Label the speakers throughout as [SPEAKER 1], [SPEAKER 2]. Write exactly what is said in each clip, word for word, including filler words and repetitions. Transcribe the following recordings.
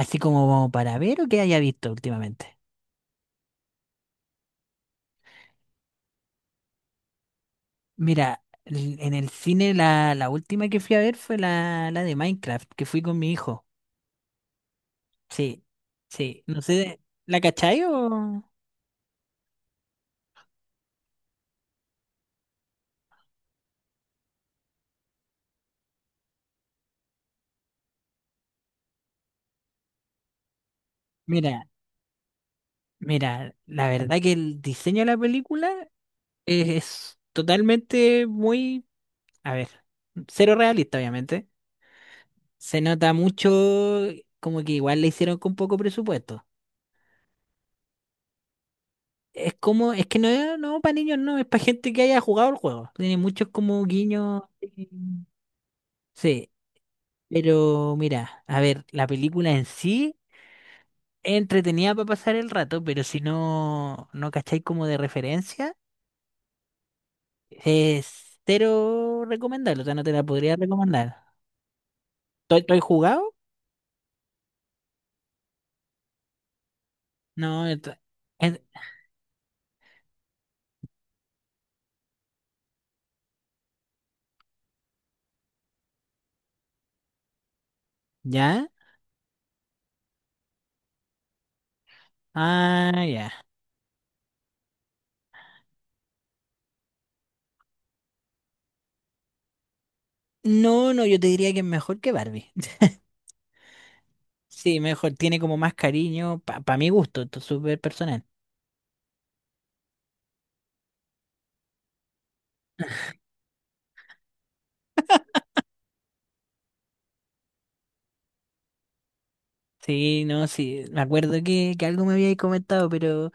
[SPEAKER 1] Así como para ver o que haya visto últimamente. Mira, l- en el cine la, la última que fui a ver fue la, la de Minecraft, que fui con mi hijo. Sí, sí. No sé, ¿la cachai o...? Mira, mira, la verdad que el diseño de la película es, totalmente muy, a ver, cero realista, obviamente. Se nota mucho como que igual le hicieron con poco presupuesto. Es como, es que no es, no, para niños no, es para gente que haya jugado el juego. Tiene muchos como guiños. eh, Sí, pero mira, a ver, la película en sí es entretenida para pasar el rato, pero si no, no cacháis como de referencia, es cero recomendable, o sea, no te la podría recomendar. ¿Estoy, estoy jugado? No, esto- es- ¿ya? Ah, ya. No, no, yo te diría que es mejor que Barbie. Sí, mejor, tiene como más cariño, para mi gusto, esto es súper personal. Sí, no, sí, me acuerdo que, que algo me habíais comentado, pero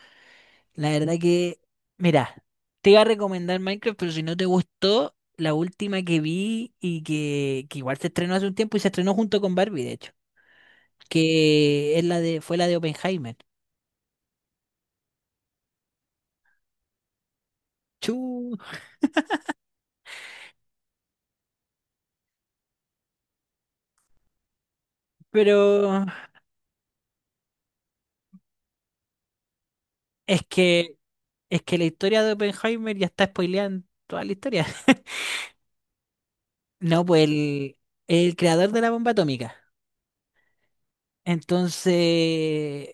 [SPEAKER 1] la verdad que, mira, te iba a recomendar Minecraft, pero si no te gustó, la última que vi y que, que igual se estrenó hace un tiempo y se estrenó junto con Barbie, de hecho, que es la de, fue la de Oppenheimer. Chu, pero es que, es que la historia de Oppenheimer ya está spoileando toda la historia. No, pues el, el creador de la bomba atómica. Entonces,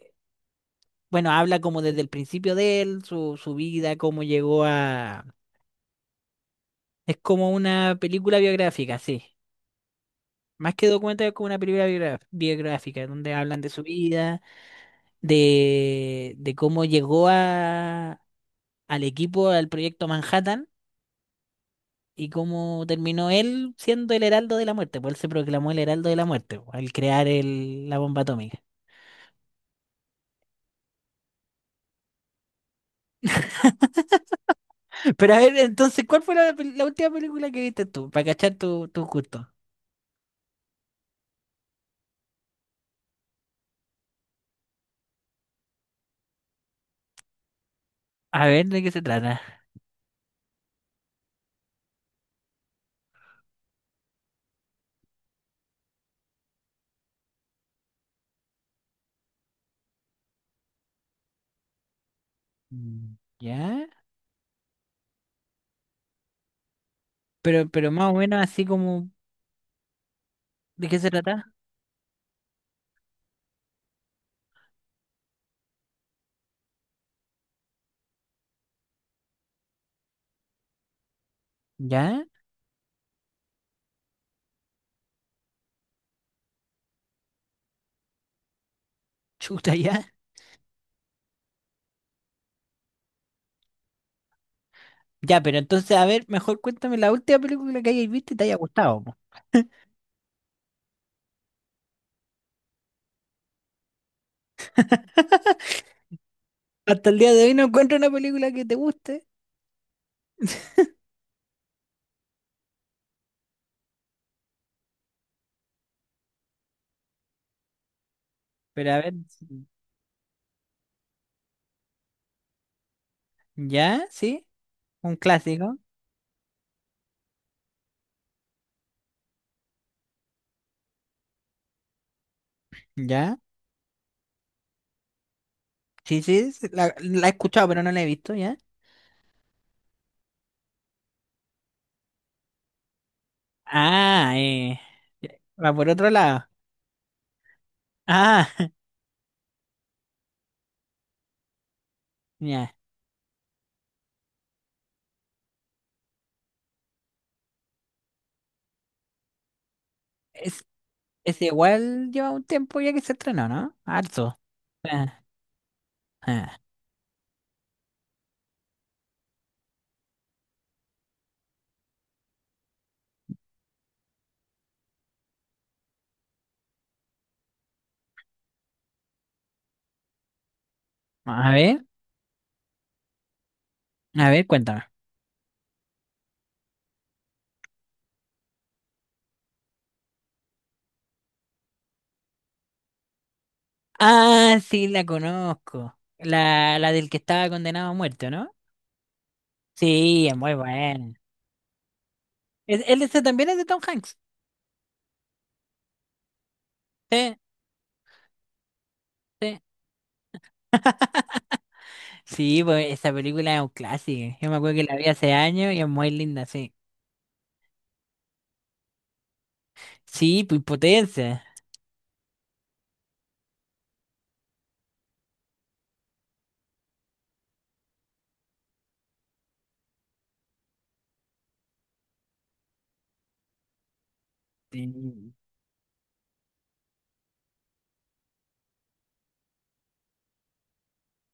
[SPEAKER 1] bueno, habla como desde el principio de él, su, su vida, cómo llegó a... Es como una película biográfica, sí. Más que documental, es como una película biogra- biográfica, donde hablan de su vida, de, de cómo llegó a, al equipo, al proyecto Manhattan, y cómo terminó él siendo el heraldo de la muerte. Pues él se proclamó el heraldo de la muerte, po, al crear el, la bomba atómica. Pero a ver, entonces, ¿cuál fue la, pel- la última película que viste tú? Para cachar tu, tu gusto. A ver, ¿de qué se trata? Mm, ¿ya? Pero, pero más o menos así como, ¿de qué se trata? ¿Ya? Chuta, ya. Ya, pero entonces, a ver, mejor cuéntame la última película que hayas visto y te haya gustado, po. Hasta el día de hoy no encuentro una película que te guste. Pero a ver, ¿ya? ¿Sí? Un clásico. ¿Ya? Sí, sí, sí, la, la he escuchado, pero no la he visto, ¿ya? Ah, eh, ya, va por otro lado. Ah, ya. Es, es igual lleva un tiempo ya que se estrenó, ¿no? Harto. Ah, ah. A ver, a ver, cuéntame. Ah, sí, la conozco. La, la del que estaba condenado a muerte, ¿no? Sí, es muy buena. ¿Es, él ese también es de Tom Hanks? Sí, sí. Sí, pues esa película es un clásico. Yo me acuerdo que la vi hace años y es muy linda, sí. Sí, pues potencia. Sí.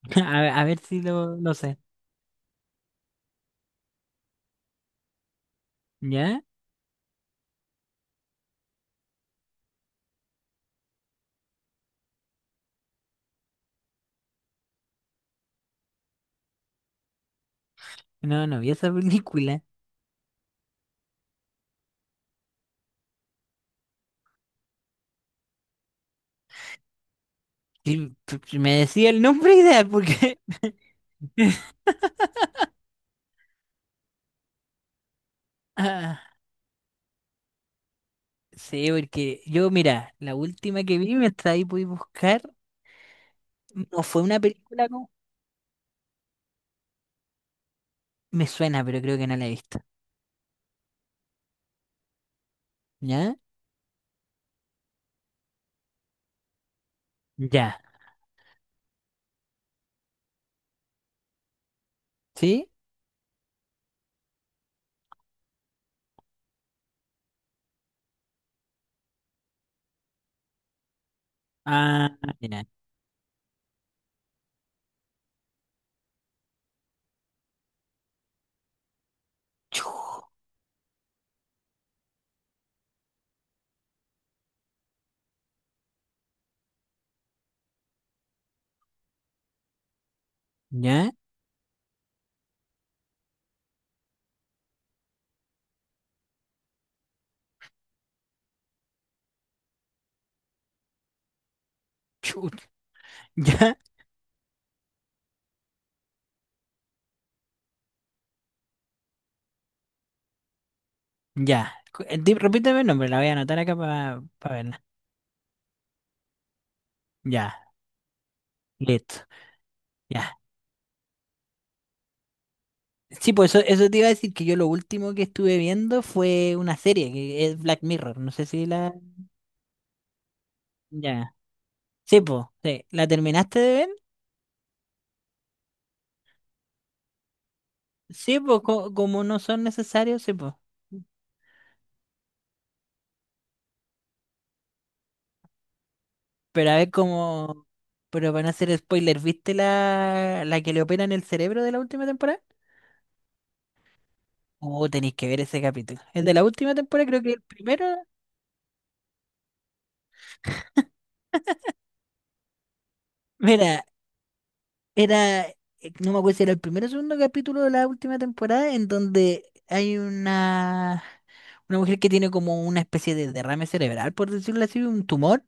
[SPEAKER 1] A ver, a ver si lo, lo sé. ¿Ya? No, no vi esa película. Sí, p- p- me decía el nombre ideal porque... Sí, porque yo, mira, la última que vi, mientras ahí pude buscar, no fue una película, no, me suena, pero creo que no la he visto. ¿Ya? Ya. ¿Sí? Ah, ya. Chu, ¿ya? Chu, ¿ya? Ya. Cu- eh, di- Repíteme el nombre, la voy a anotar acá para verla. Ya, listo. Ya. Sí, pues eso, eso te iba a decir que yo lo último que estuve viendo fue una serie, que es Black Mirror. No sé si la... Ya. Sí, pues, sí. ¿La terminaste de ver? Sí, pues co- como no son necesarios, sí, pues. Pero a ver cómo. Pero van a hacer spoiler. ¿Viste la, la que le operan el cerebro de la última temporada? Oh, tenéis que ver ese capítulo. El de la última temporada, creo que el primero. Mira, era. eh, No me acuerdo si era el primero o segundo capítulo de la última temporada, en donde hay una, una mujer que tiene como una especie de derrame cerebral, por decirlo así, un tumor,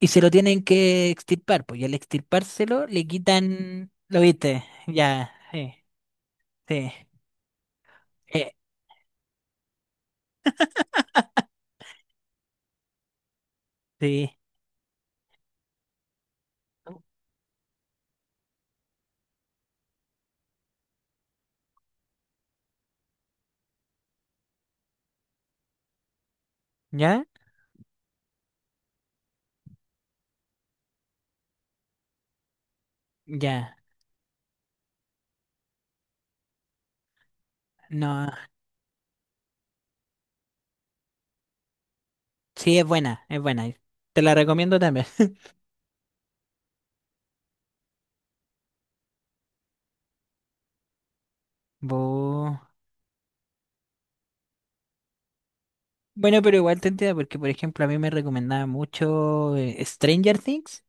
[SPEAKER 1] y se lo tienen que extirpar. Pues y al extirpárselo le quitan. ¿Lo viste? Ya, sí. Sí, eh, sí. ¿Ya? Ya. No. Sí, es buena, es buena. Te la recomiendo también. Bu- Bueno, pero igual te entiendo porque, por ejemplo, a mí me recomendaba mucho eh, Stranger Things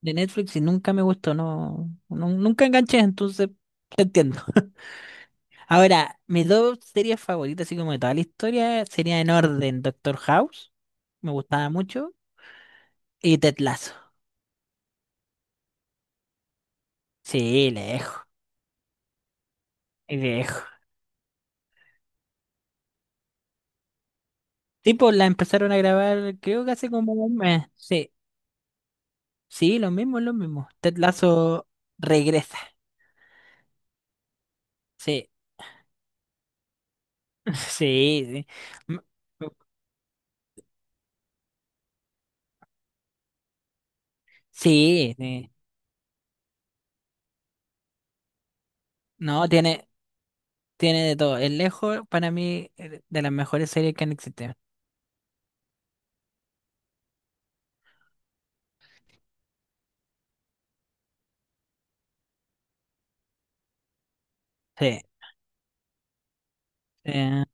[SPEAKER 1] de Netflix y nunca me gustó, no, no- nunca enganché, entonces te entiendo. Ahora, mis dos series favoritas, así como de toda la historia, sería en orden Doctor House, me gustaba mucho, y Ted Lasso. Sí, lejos, lejos. Tipo, la empezaron a grabar, creo que hace como un mes. Sí, sí, lo mismo, lo mismo. Ted Lasso regresa. Sí, sí, sí. M- Sí, sí. No, tiene, tiene de todo. Es lejos, para mí, eh, de las mejores series que han existido. Sí, eh,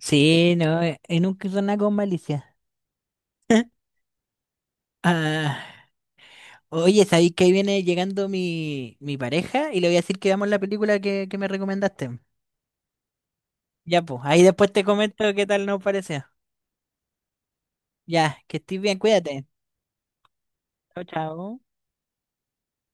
[SPEAKER 1] sí, no, eh, y nunca hizo nada con malicia. Ah, oye, ¿sabéis que ahí viene llegando mi, mi pareja? Y le voy a decir que veamos la película que, que me recomendaste. Ya, pues, ahí después te comento qué tal nos pareció. Ya, que estés bien, cuídate. Chao, chao.